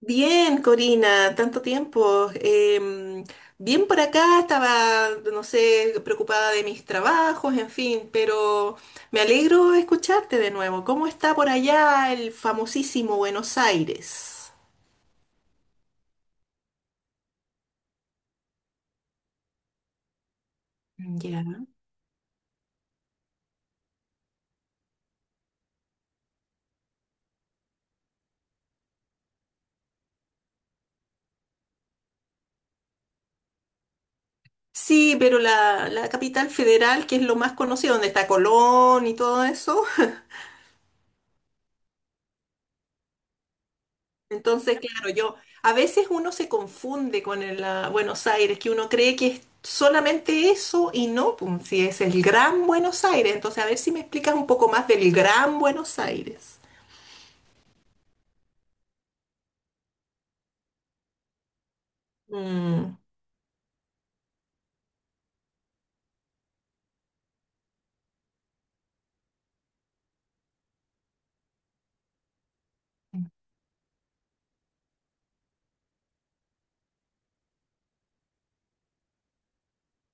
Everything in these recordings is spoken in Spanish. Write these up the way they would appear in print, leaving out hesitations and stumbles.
Bien, Corina, tanto tiempo. Bien por acá, estaba, no sé, preocupada de mis trabajos, en fin, pero me alegro de escucharte de nuevo. ¿Cómo está por allá el famosísimo Buenos Aires? Ya. Sí, pero la capital federal, que es lo más conocido, donde está Colón y todo eso. Entonces, claro, yo a veces uno se confunde con el, ah, Buenos Aires, que uno cree que es solamente eso y no, pum, si es el Gran Buenos Aires. Entonces, a ver si me explicas un poco más del Gran Buenos Aires. Mm,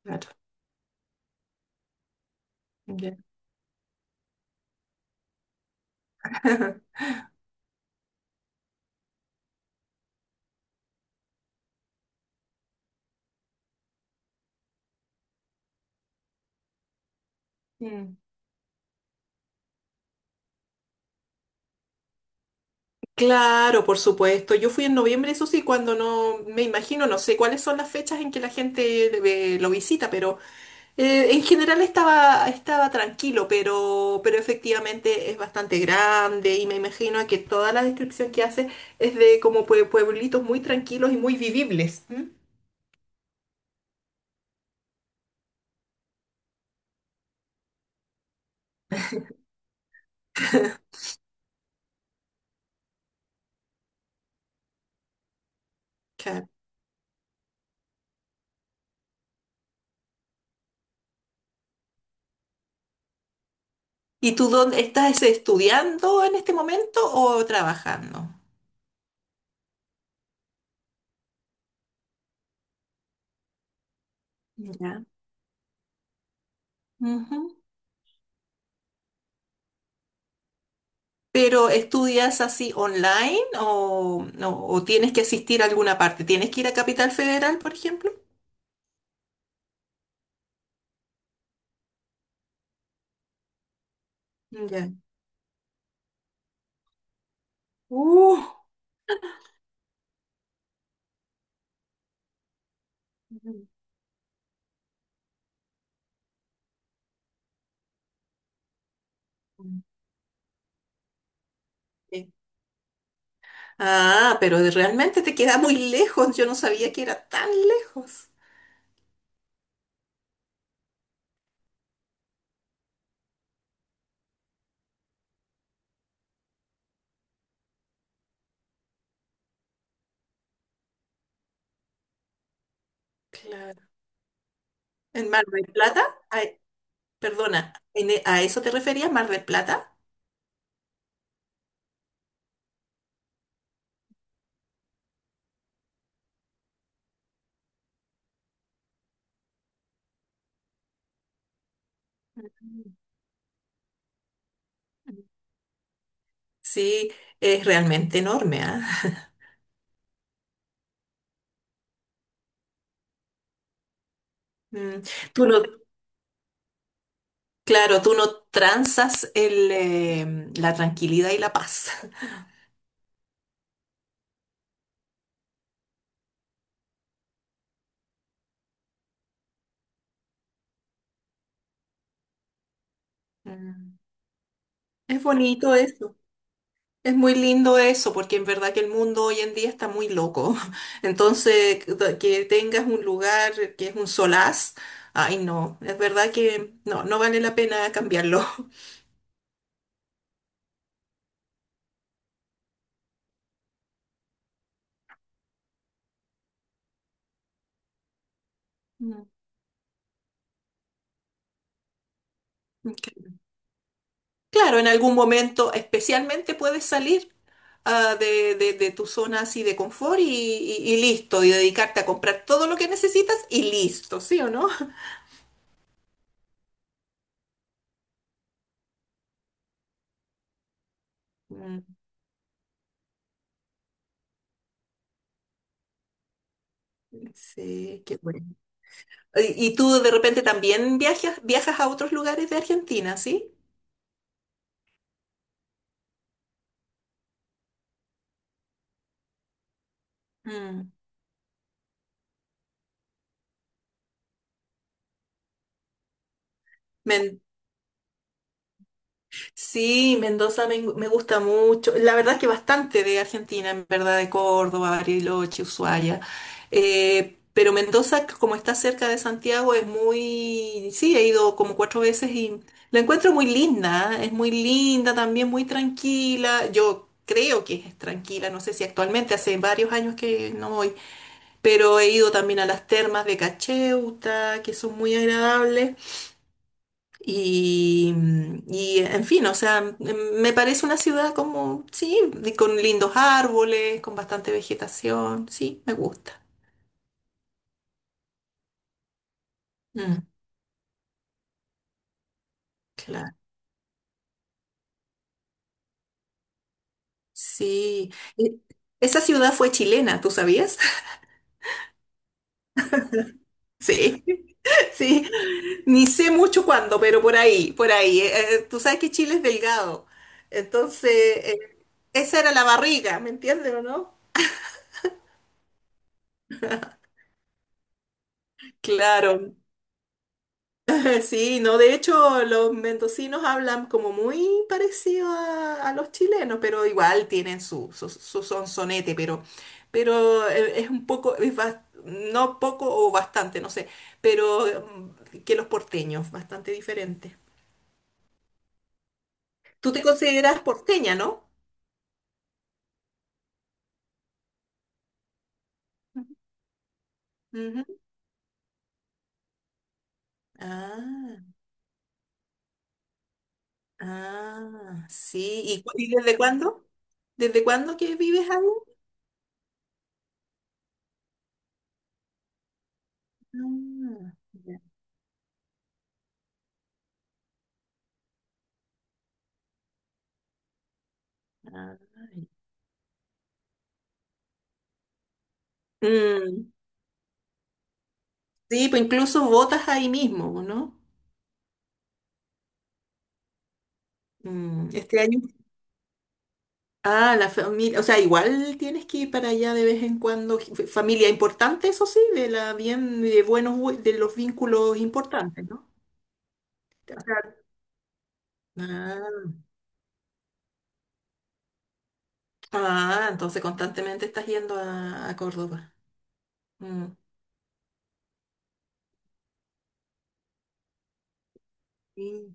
claro. Ya. Mm. Claro, por supuesto. Yo fui en noviembre, eso sí, cuando no me imagino, no sé cuáles son las fechas en que la gente lo visita, pero en general estaba tranquilo, pero efectivamente es bastante grande y me imagino que toda la descripción que hace es de como pueblitos muy tranquilos y muy vivibles. ¿M? Claro. ¿Y tú dónde estás estudiando en este momento o trabajando? Ya. Ujú. ¿Pero estudias así online o, no, o tienes que asistir a alguna parte? ¿Tienes que ir a Capital Federal, por ejemplo? Ya. Uh. Ujú. Ah, pero realmente te queda muy lejos. Yo no sabía que era tan lejos. Claro. ¿En Mar del Plata? Ay, perdona, ¿en ¿a eso te referías, Mar del Plata? Mm. Sí, es realmente enorme, ¿ah? Mm, tú no, claro, tú no transas el, la tranquilidad y la paz. Mm. Es bonito eso. Es muy lindo eso, porque en verdad que el mundo hoy en día está muy loco. Entonces, que tengas un lugar que es un solaz, ay no, es verdad que no, no vale la pena cambiarlo. Mm. Ok. Claro, en algún momento especialmente puedes salir ah, de tu zona así de confort y, y listo, y dedicarte a comprar todo lo que necesitas y listo, ¿sí o no? Mm, sí, qué bueno. ¿Y tú de repente también viajas a otros lugares de Argentina, sí? Mm. Men- sí, Mendoza me gusta mucho. La verdad es que bastante de Argentina, en verdad, de Córdoba, Bariloche, Ushuaia. Pero Mendoza, como está cerca de Santiago, es muy... Sí, he ido como cuatro veces y la encuentro muy linda. ¿Eh? Es muy linda, también muy tranquila. Yo creo que es tranquila, no sé si actualmente, hace varios años que no voy. Pero he ido también a las termas de Cacheuta, que son muy agradables. Y, y, en fin, o sea, me parece una ciudad como, sí, con lindos árboles, con bastante vegetación, sí, me gusta. Mm, claro, sí. Y esa ciudad fue chilena, ¿tú sabías? Sí, sí. Ni sé mucho cuándo, pero por ahí, por ahí. Tú sabes que Chile es delgado, entonces esa era la barriga, ¿me entiendes o no? Claro, sí, no, de hecho los mendocinos hablan como muy parecido a los chilenos, pero igual tienen su sonsonete, pero es un poco, es no poco o bastante, no sé, pero mm, que los porteños, bastante diferente. Tú te consideras porteña, ¿no? Ujú. Ah, ah, sí. ¿Y, y desde cuándo? ¿Desde cuándo que vives ahí? Ah, ya. Ah, ya. Mm. Sí, pues incluso votas ahí mismo, ¿no? Mm, este año. Ah, la familia. O sea, igual tienes que ir para allá de vez en cuando. Familia importante, eso sí, de la bien, de buenos, de los vínculos importantes, ¿no? O sea, ah, ah, entonces constantemente estás yendo a Córdoba. Mm, sí.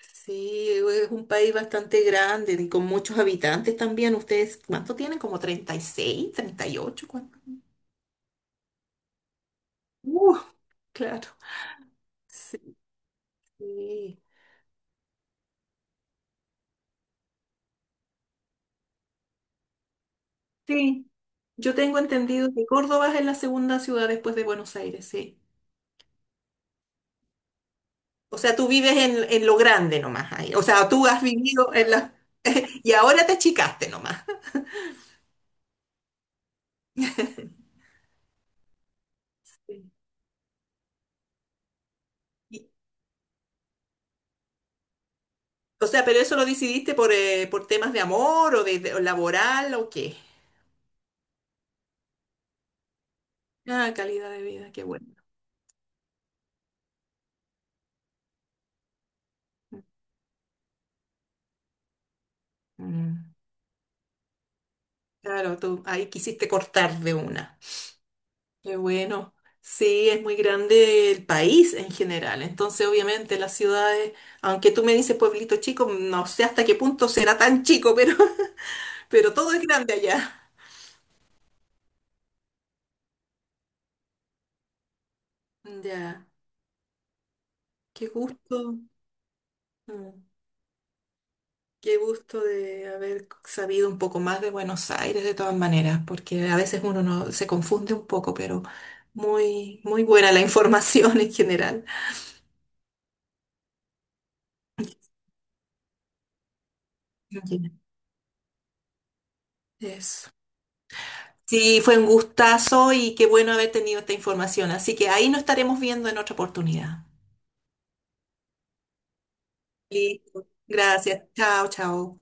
Sí, es un país bastante grande y con muchos habitantes también. ¿Ustedes cuánto tienen? ¿Como 36, 38, ¿Cuánto? Uh, claro. Sí. Sí. Sí. Yo tengo entendido que Córdoba es la segunda ciudad después de Buenos Aires, sí. O sea, tú vives en lo grande nomás ahí. O sea, tú has vivido en la... Y ahora te achicaste nomás. Sí. Y- o sea, pero eso lo decidiste por temas de amor o de, o laboral o qué. Ah, calidad de vida, qué bueno. Mm. Claro, tú ahí quisiste cortar de una. Qué bueno. Sí, es muy grande el país en general. Entonces, obviamente, las ciudades, aunque tú me dices pueblito chico, no sé hasta qué punto será tan chico, pero, pero todo es grande allá. Ya, qué gusto, mm, qué gusto de haber sabido un poco más de Buenos Aires de todas maneras, porque a veces uno no, se confunde un poco, pero muy, muy buena la información en general. Ya, eso. Sí, fue un gustazo y qué bueno haber tenido esta información. Así que ahí nos estaremos viendo en otra oportunidad. Listo. Gracias. Chao, chao.